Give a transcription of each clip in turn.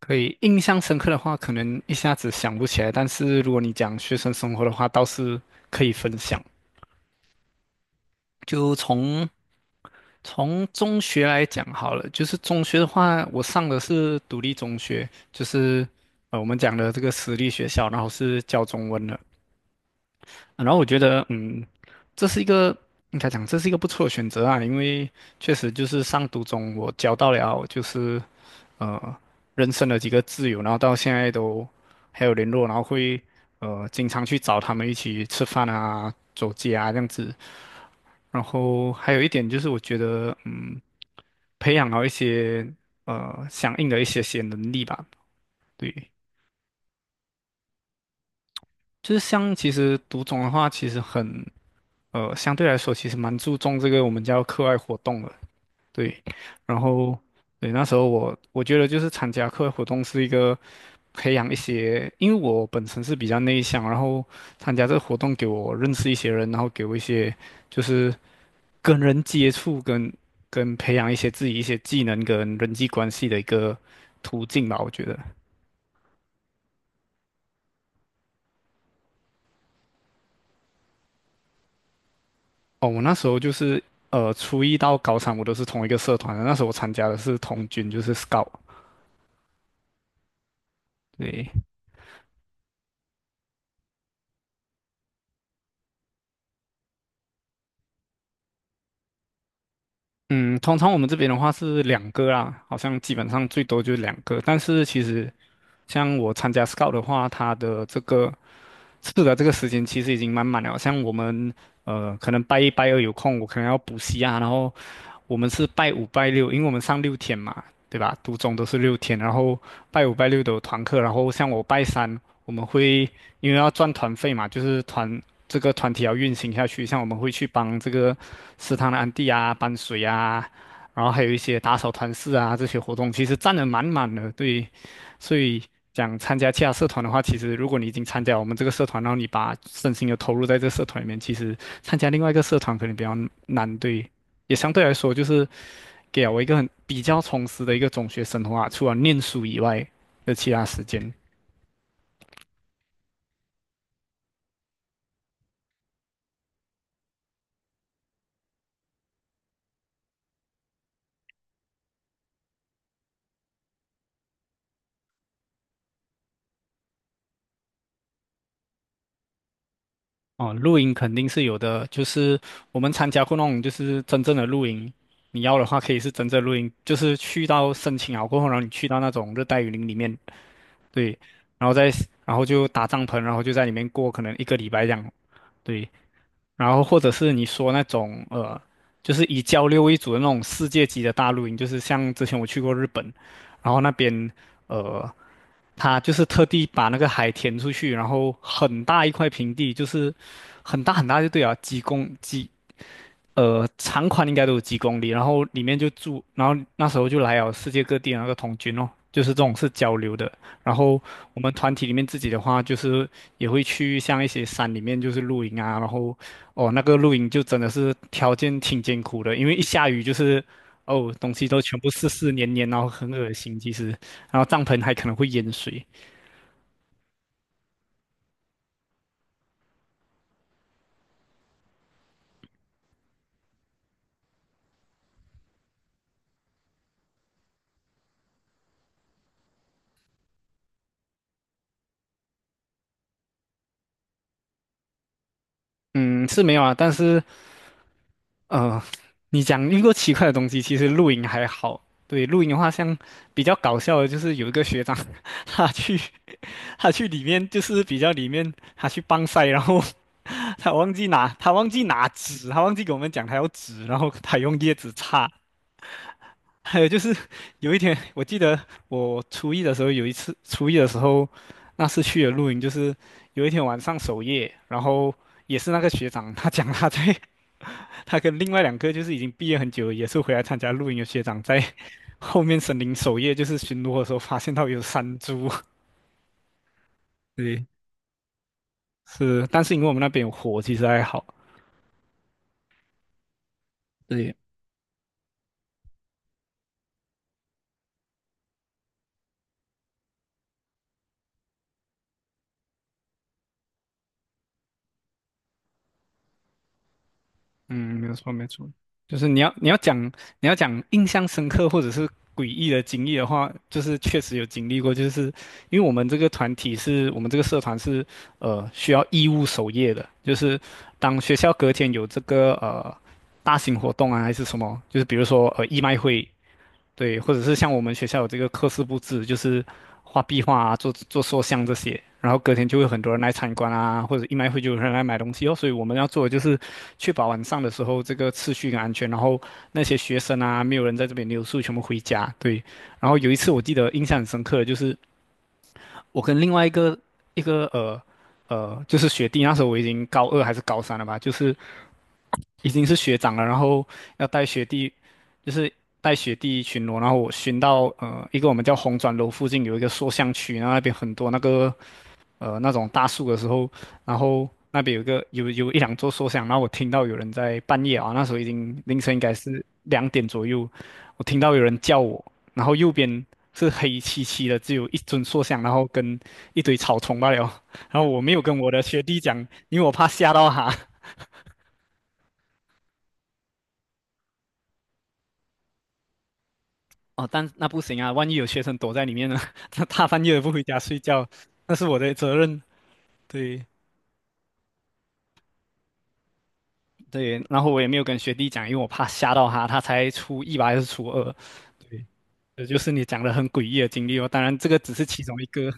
可以，印象深刻的话，可能一下子想不起来。但是如果你讲学生生活的话，倒是可以分享。就从中学来讲好了，就是中学的话，我上的是独立中学，就是我们讲的这个私立学校，然后是教中文的。然后我觉得，这是一个应该讲这是一个不错的选择啊，因为确实就是上读中我交到了就是呃人生的几个挚友，然后到现在都还有联络，然后会经常去找他们一起吃饭啊、走街啊这样子。然后还有一点就是，我觉得培养到一些相应的一些些能力吧。对，就是像其实读中的话，其实很。呃，相对来说其实蛮注重这个我们叫课外活动的，对。然后，对，那时候我觉得就是参加课外活动是一个培养一些，因为我本身是比较内向，然后参加这个活动给我认识一些人，然后给我一些就是跟人接触跟培养一些自己一些技能跟人际关系的一个途径吧，我觉得。哦，我那时候就是初一到高三我都是同一个社团的，那时候我参加的是童军，就是 Scout。对，嗯，通常我们这边的话是两个啦，好像基本上最多就是两个。但是其实像我参加 Scout 的话，它的这个时间其实已经满满了。像我们可能拜一拜二有空，我可能要补习啊，然后我们是拜五拜六，因为我们上六天嘛，对吧？读中都是六天，然后拜五拜六的团课，然后像我拜三，我们会因为要赚团费嘛，就是这个团体要运行下去，像我们会去帮这个食堂的安地啊搬水啊，然后还有一些打扫团室啊这些活动，其实占的满满的，对，所以。讲参加其他社团的话，其实如果你已经参加我们这个社团，然后你把身心又投入在这个社团里面，其实参加另外一个社团可能比较难，对。也相对来说就是给了我一个很比较充实的一个中学生活啊，除了念书以外的其他时间。哦，露营肯定是有的，就是我们参加过那种就是真正的露营，你要的话可以是真正露营，就是去到申请好过后，然后你去到那种热带雨林里面，对，然后再然后就搭帐篷，然后就在里面过可能一个礼拜这样，对。然后或者是你说那种就是以交流为主的那种世界级的大露营，就是像之前我去过日本，然后那边呃，他就是特地把那个海填出去，然后很大一块平地，就是很大很大就对啊，几公几呃，长宽应该都有几公里，然后里面就住，然后那时候就来了世界各地的那个童军哦，就是这种是交流的。然后我们团体里面自己的话，就是也会去像一些山里面就是露营啊，然后哦那个露营就真的是条件挺艰苦的，因为一下雨就是哦东西都全部湿湿黏黏，然后很恶心其实，然后帐篷还可能会淹水。嗯，是没有啊，但是呃，你讲遇过奇怪的东西，其实露营还好。对，露营的话，像比较搞笑的，就是有一个学长，他去他去里面，就是比较里面，他去帮晒，然后 他忘记拿纸，他忘记给我们讲他要纸，然后他用叶子擦。还有就是有一天，我记得我初一的时候有一次，初一的时候那次去的露营，就是有一天晚上守夜，然后也是那个学长，他讲他在他跟另外两个就是已经毕业很久，也是回来参加露营的学长，在 后面森林守夜，就是巡逻的时候发现到有山猪。对是，但是因为我们那边有火，其实还好。对，嗯，没有错，没错，就是你要讲印象深刻或者是诡异的经历的话，就是确实有经历过，就是因为我们这个社团是需要义务守夜的，就是当学校隔天有这个大型活动啊还是什么，就是比如说义卖会对，或者是像我们学校有这个课室布置，就是画壁画啊，做做塑像这些，然后隔天就会很多人来参观啊，或者一卖会就有人来买东西哦。所以我们要做的就是确保晚上的时候这个秩序跟安全，然后那些学生啊，没有人在这边留宿，全部回家。对，然后有一次我记得印象很深刻的就是我跟另外一个一个呃。就是学弟，那时候我已经高二还是高三了吧，就是已经是学长了，然后要带学弟，就是带学弟巡逻，然后我巡到一个我们叫红砖楼附近有一个塑像区，然后那边很多那种大树的时候，然后那边有一两座塑像，然后我听到有人在半夜啊，那时候已经凌晨应该是2点左右，我听到有人叫我，然后右边是黑漆漆的，只有一尊塑像，然后跟一堆草丛罢了，然后我没有跟我的学弟讲 因为我怕吓到他，哦，但那不行啊，万一有学生躲在里面呢？他大半夜的不回家睡觉，那是我的责任。对对，然后我也没有跟学弟讲，因为我怕吓到他，他才初一吧还是初二。对，这就是你讲的很诡异的经历哦。当然，这个只是其中一个。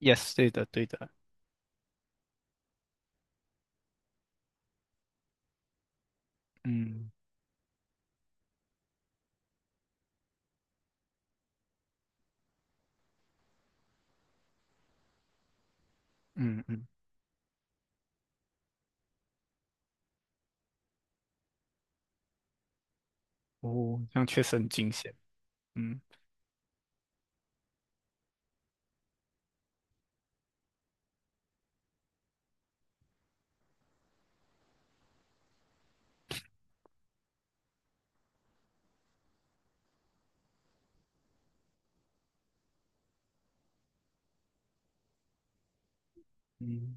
Yes，对的，对的。嗯嗯嗯，哦，这样确实很惊险。嗯嗯。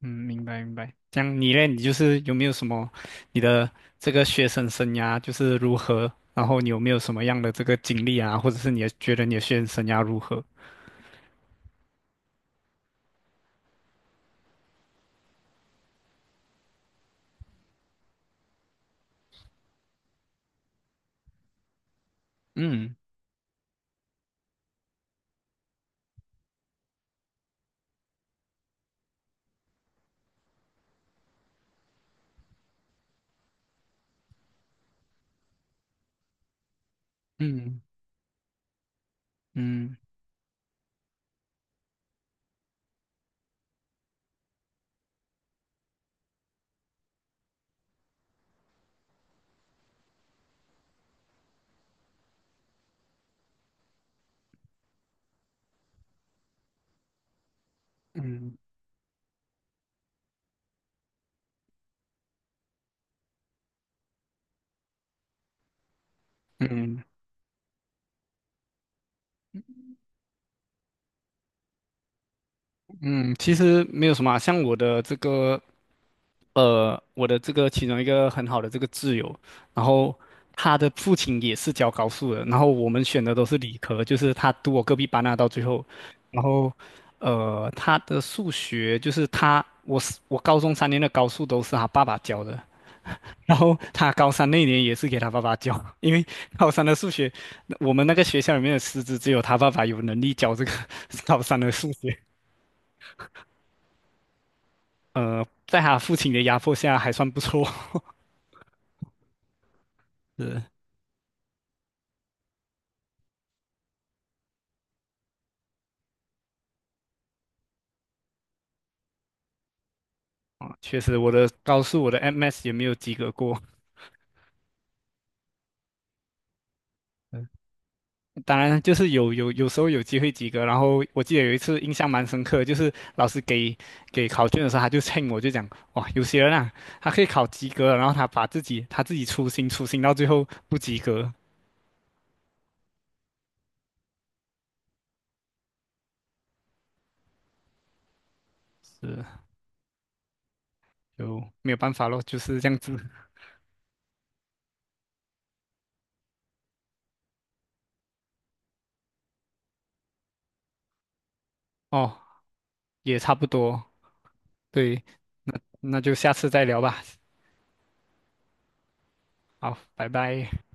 嗯，明白明白。这样你嘞，你就是有没有什么你的这个学生生涯就是如何？然后你有没有什么样的这个经历啊，或者是你的觉得你的学生生涯如何？嗯嗯嗯嗯嗯嗯，嗯其实没有什么啊像我的这个其中一个很好的这个挚友，然后他的父亲也是教高数的，然后我们选的都是理科，就是他读我隔壁班啊，到最后，然后他的数学就是他，我高中3年的高数都是他爸爸教的，然后他高三那年也是给他爸爸教，因为高三的数学，我们那个学校里面的师资只有他爸爸有能力教这个 高三的数学，在他父亲的压迫下还算不错，是。啊，确实，我的高数我的 MS 也没有及格过。嗯当然，就是有时候有机会及格。然后我记得有一次印象蛮深刻，就是老师给考卷的时候，他就称我就讲，哇，有些人啊，他可以考及格了，然后他自己粗心粗心到最后不及格，是就没有办法咯，就是这样子。哦，也差不多，对，那就下次再聊吧。好，拜拜。